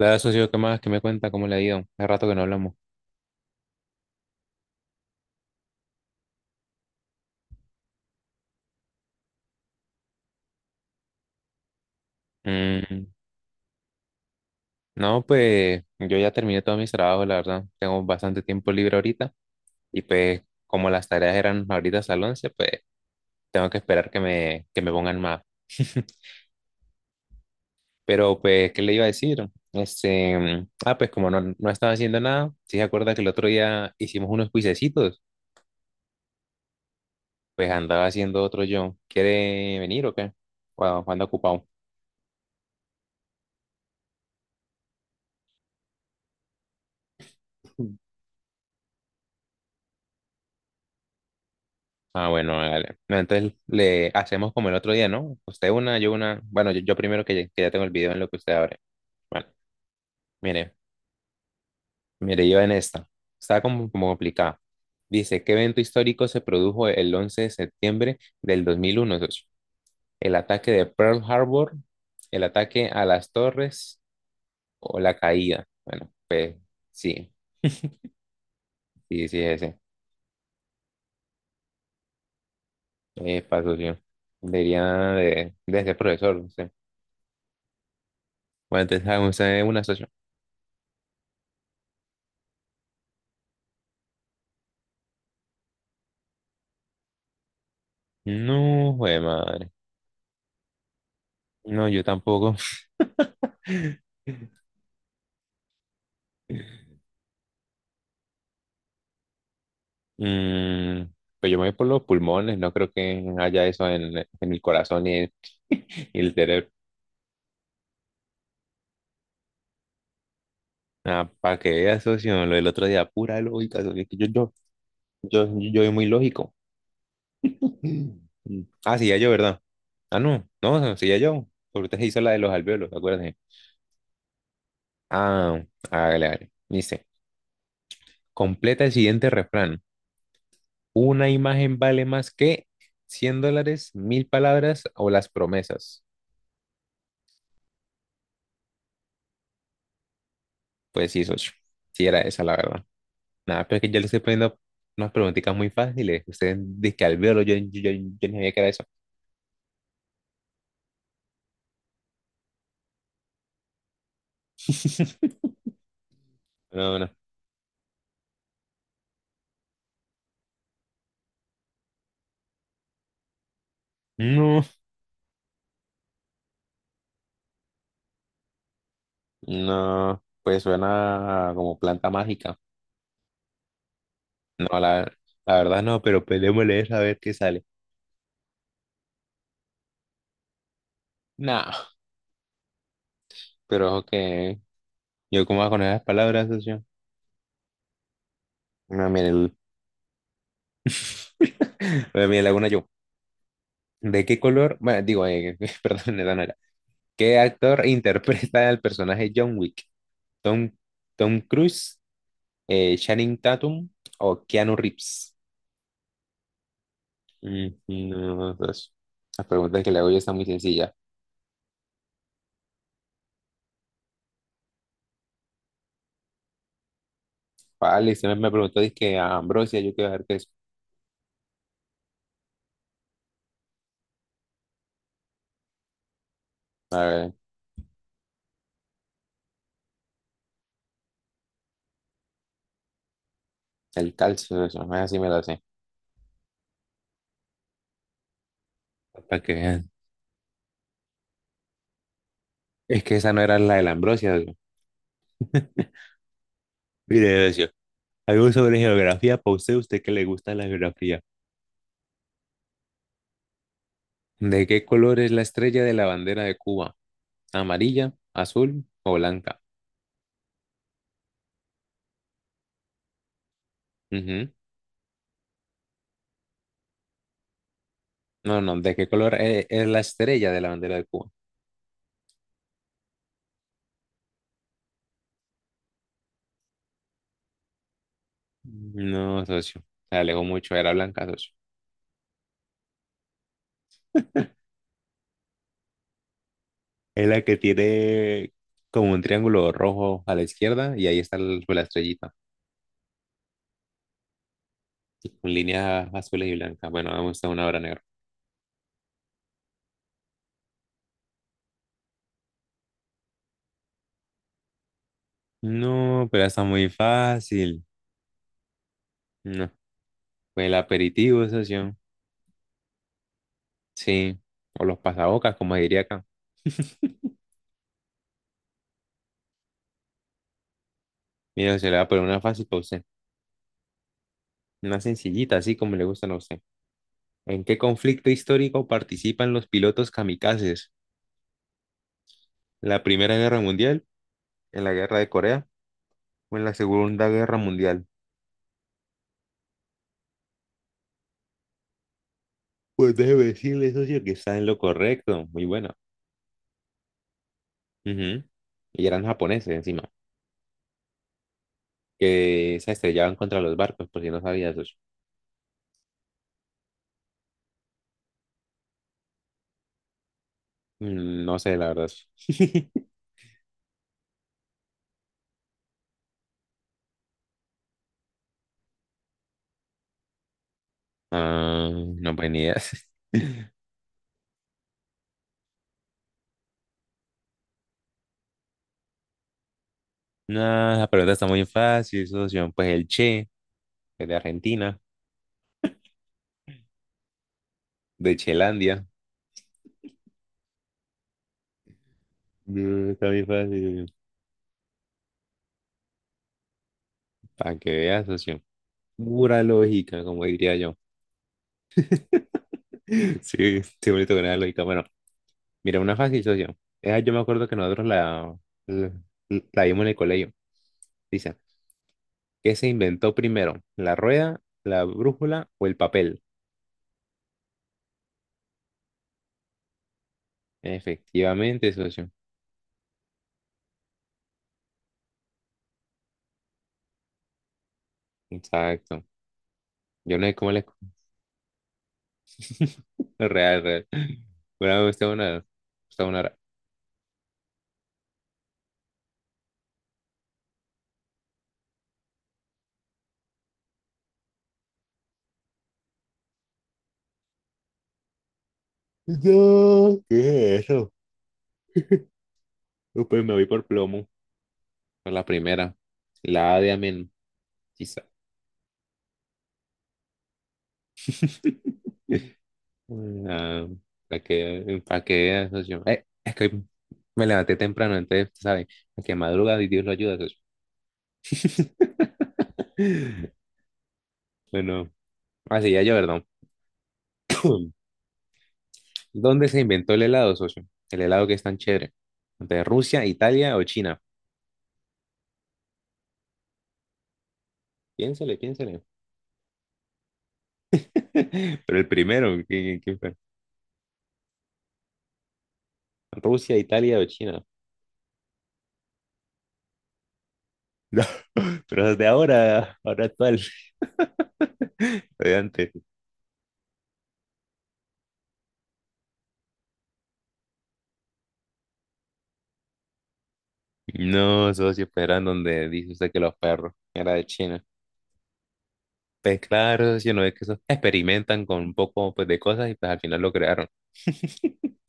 Hola, socio, ¿qué más? ¿Qué me cuenta? ¿Cómo le ha ido? Hace rato que no hablamos. Mm, no, pues yo ya terminé todos mis trabajos, la verdad. Tengo bastante tiempo libre ahorita y pues como las tareas eran ahorita hasta las 11, pues tengo que esperar que me pongan más. Pero pues, ¿qué le iba a decir? Pues como no estaba haciendo nada, si se acuerda que el otro día hicimos unos cuisecitos, pues andaba haciendo otro yo. ¿Quiere venir o qué? Cuando anda ocupado. Ah, bueno, hágale. No, entonces le hacemos como el otro día, ¿no? Usted una, yo una. Bueno, yo primero que ya tengo el video en lo que usted abre. Bueno, mire, mire, yo en esta. Está como complicada. Dice, ¿qué evento histórico se produjo el 11 de septiembre del 2001, socio? ¿El ataque de Pearl Harbor? ¿El ataque a las torres? ¿O la caída? Bueno, pues sí, sí, sí, ese. Paso. Debería de ser profesor, no sé. Bueno, entonces, hagamos, una, socio. No, jue madre. No, yo tampoco. Mm, pues yo me voy por los pulmones, no creo que haya eso en el corazón y el, y el cerebro. Ah, para que veas, socio, lo del otro día, pura lógica, socio, que yo, yo, yo, yo soy muy lógico. Mm. Ah, sí, ya yo, ¿verdad? Ah, no, no, sí, ya yo, porque usted se hizo la de los alvéolos, acuérdense. Ah, hágale, hágale. Dice, completa el siguiente refrán. Una imagen vale más que 100 dólares, mil palabras o las promesas. Pues sí, socio. Sí, era esa la verdad. Nada, pero es que yo le estoy poniendo unas preguntitas muy fáciles. Ustedes dicen que al verlo, yo ni sabía que era eso. No, no. No, no, pues suena como planta mágica. No, la, la verdad no, pero peleémosle esa a ver qué sale. No, pero ojo que yo como con las palabras, socio. No, mire, el- bueno, mire, le hago una yo. ¿De qué color? Bueno, digo, perdón, esa no era. ¿Qué actor interpreta al personaje John Wick? Tom, Tom Cruise, Channing Tatum o Keanu Reeves. Mm, no, pues, la pregunta que le hago yo está muy sencilla. Vale, me preguntó, dizque, a Ambrosia, yo quiero ver qué es. A ver, el calcio, eso, más así me lo sé. Para que vean. Es que esa no era la de la Ambrosia, socio. Mire, socio, algo sobre geografía para usted, usted que le gusta la geografía. ¿De qué color es la estrella de la bandera de Cuba? ¿Amarilla, azul o blanca? Ujú. No, no, ¿de qué color es la estrella de la bandera de Cuba? No, socio. Se alejó mucho. Era blanca, socio. Es la que tiene como un triángulo rojo a la izquierda y ahí está la estrellita. Y con líneas azules y blancas. Bueno, vamos a una hora negra. No, pero está muy fácil. No. Pues el aperitivo, socio. Sí. O los pasabocas, como diría acá. Mira, se le va a poner una fácil para usted. Una sencillita, así como le gustan a usted. ¿En qué conflicto histórico participan los pilotos kamikazes? ¿En ¿La Primera Guerra Mundial? ¿En la Guerra de Corea? Fue en la Segunda Guerra Mundial. Pues déjeme decirle, socio, que está en lo correcto. Muy bueno. Ujú. Y eran japoneses encima, que se estrellaban contra los barcos, por si no sabías, socio. Mm, no sé, la verdad. Ah, no, pues ni idea. No, la pregunta está muy fácil, socio. Pues el Che, que es de Argentina, de Chelandia. Mm, está muy fácil, para que veas, socio. Pura lógica, como diría yo. Sí, sí, bonito que era lógica. Bueno, mira, una fácil, socio. Esa yo me acuerdo que nosotros la, la, la vimos en el colegio. Dice, ¿qué se inventó primero? ¿La rueda, la brújula o el papel? Efectivamente, socio. Exacto. Yo no sé cómo le... Real, real. Bueno, usted una... Usted una... ra- No, ¿qué es eso? Pues me voy por plomo. Por la primera. La A de amén, quizá. Ah, para que veas, socio. Es que hoy me levanté temprano, entonces, ¿sabes? Que madruga y Dios lo ayuda, socio. Bueno, así ya yo, perdón. ¿Dónde se inventó el helado, socio? El helado que es tan chévere. ¿De Rusia, Italia o China? Piénsele, piénsele. Pero el primero, ¿qué- qué fue? ¿Rusia, Italia o China? No, pero desde ahora, ahora actual. Adelante. No, socio, pero eran donde dice usted que los perros, era de China. Pues claro, socio, no es que eso experimentan con un poco pues, de cosas y pues al final lo crearon.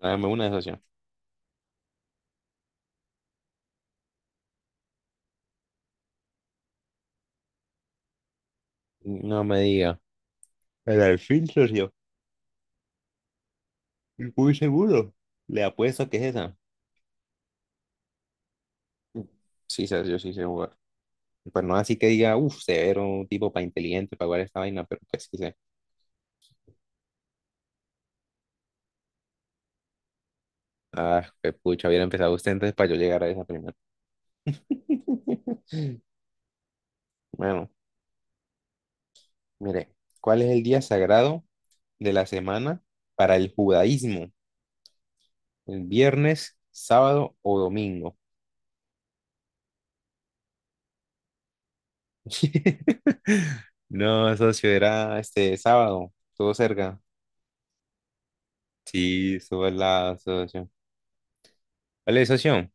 Dame una, socio. No me diga. El delfín, socio. Muy seguro. Le apuesto que es esa. Sí, socio, sí sé jugar. Pues no así que diga, uff, severo, un tipo para inteligente para jugar esta vaina, pero pues sí sé. Ah, qué pucha, hubiera empezado usted entonces para yo llegar a esa primera. Bueno, mire, ¿cuál es el día sagrado de la semana para el judaísmo? ¿El viernes, sábado o domingo? No, socio, era este sábado, estuvo cerca. Sí, estuvo al lado, socio. Vale, socio,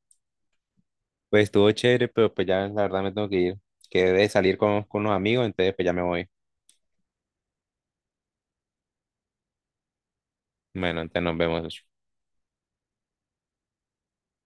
pues estuvo chévere, pero pues ya la verdad me tengo que ir. Quedé de salir con unos amigos, entonces pues ya me voy. Bueno, entonces nos vemos, socio.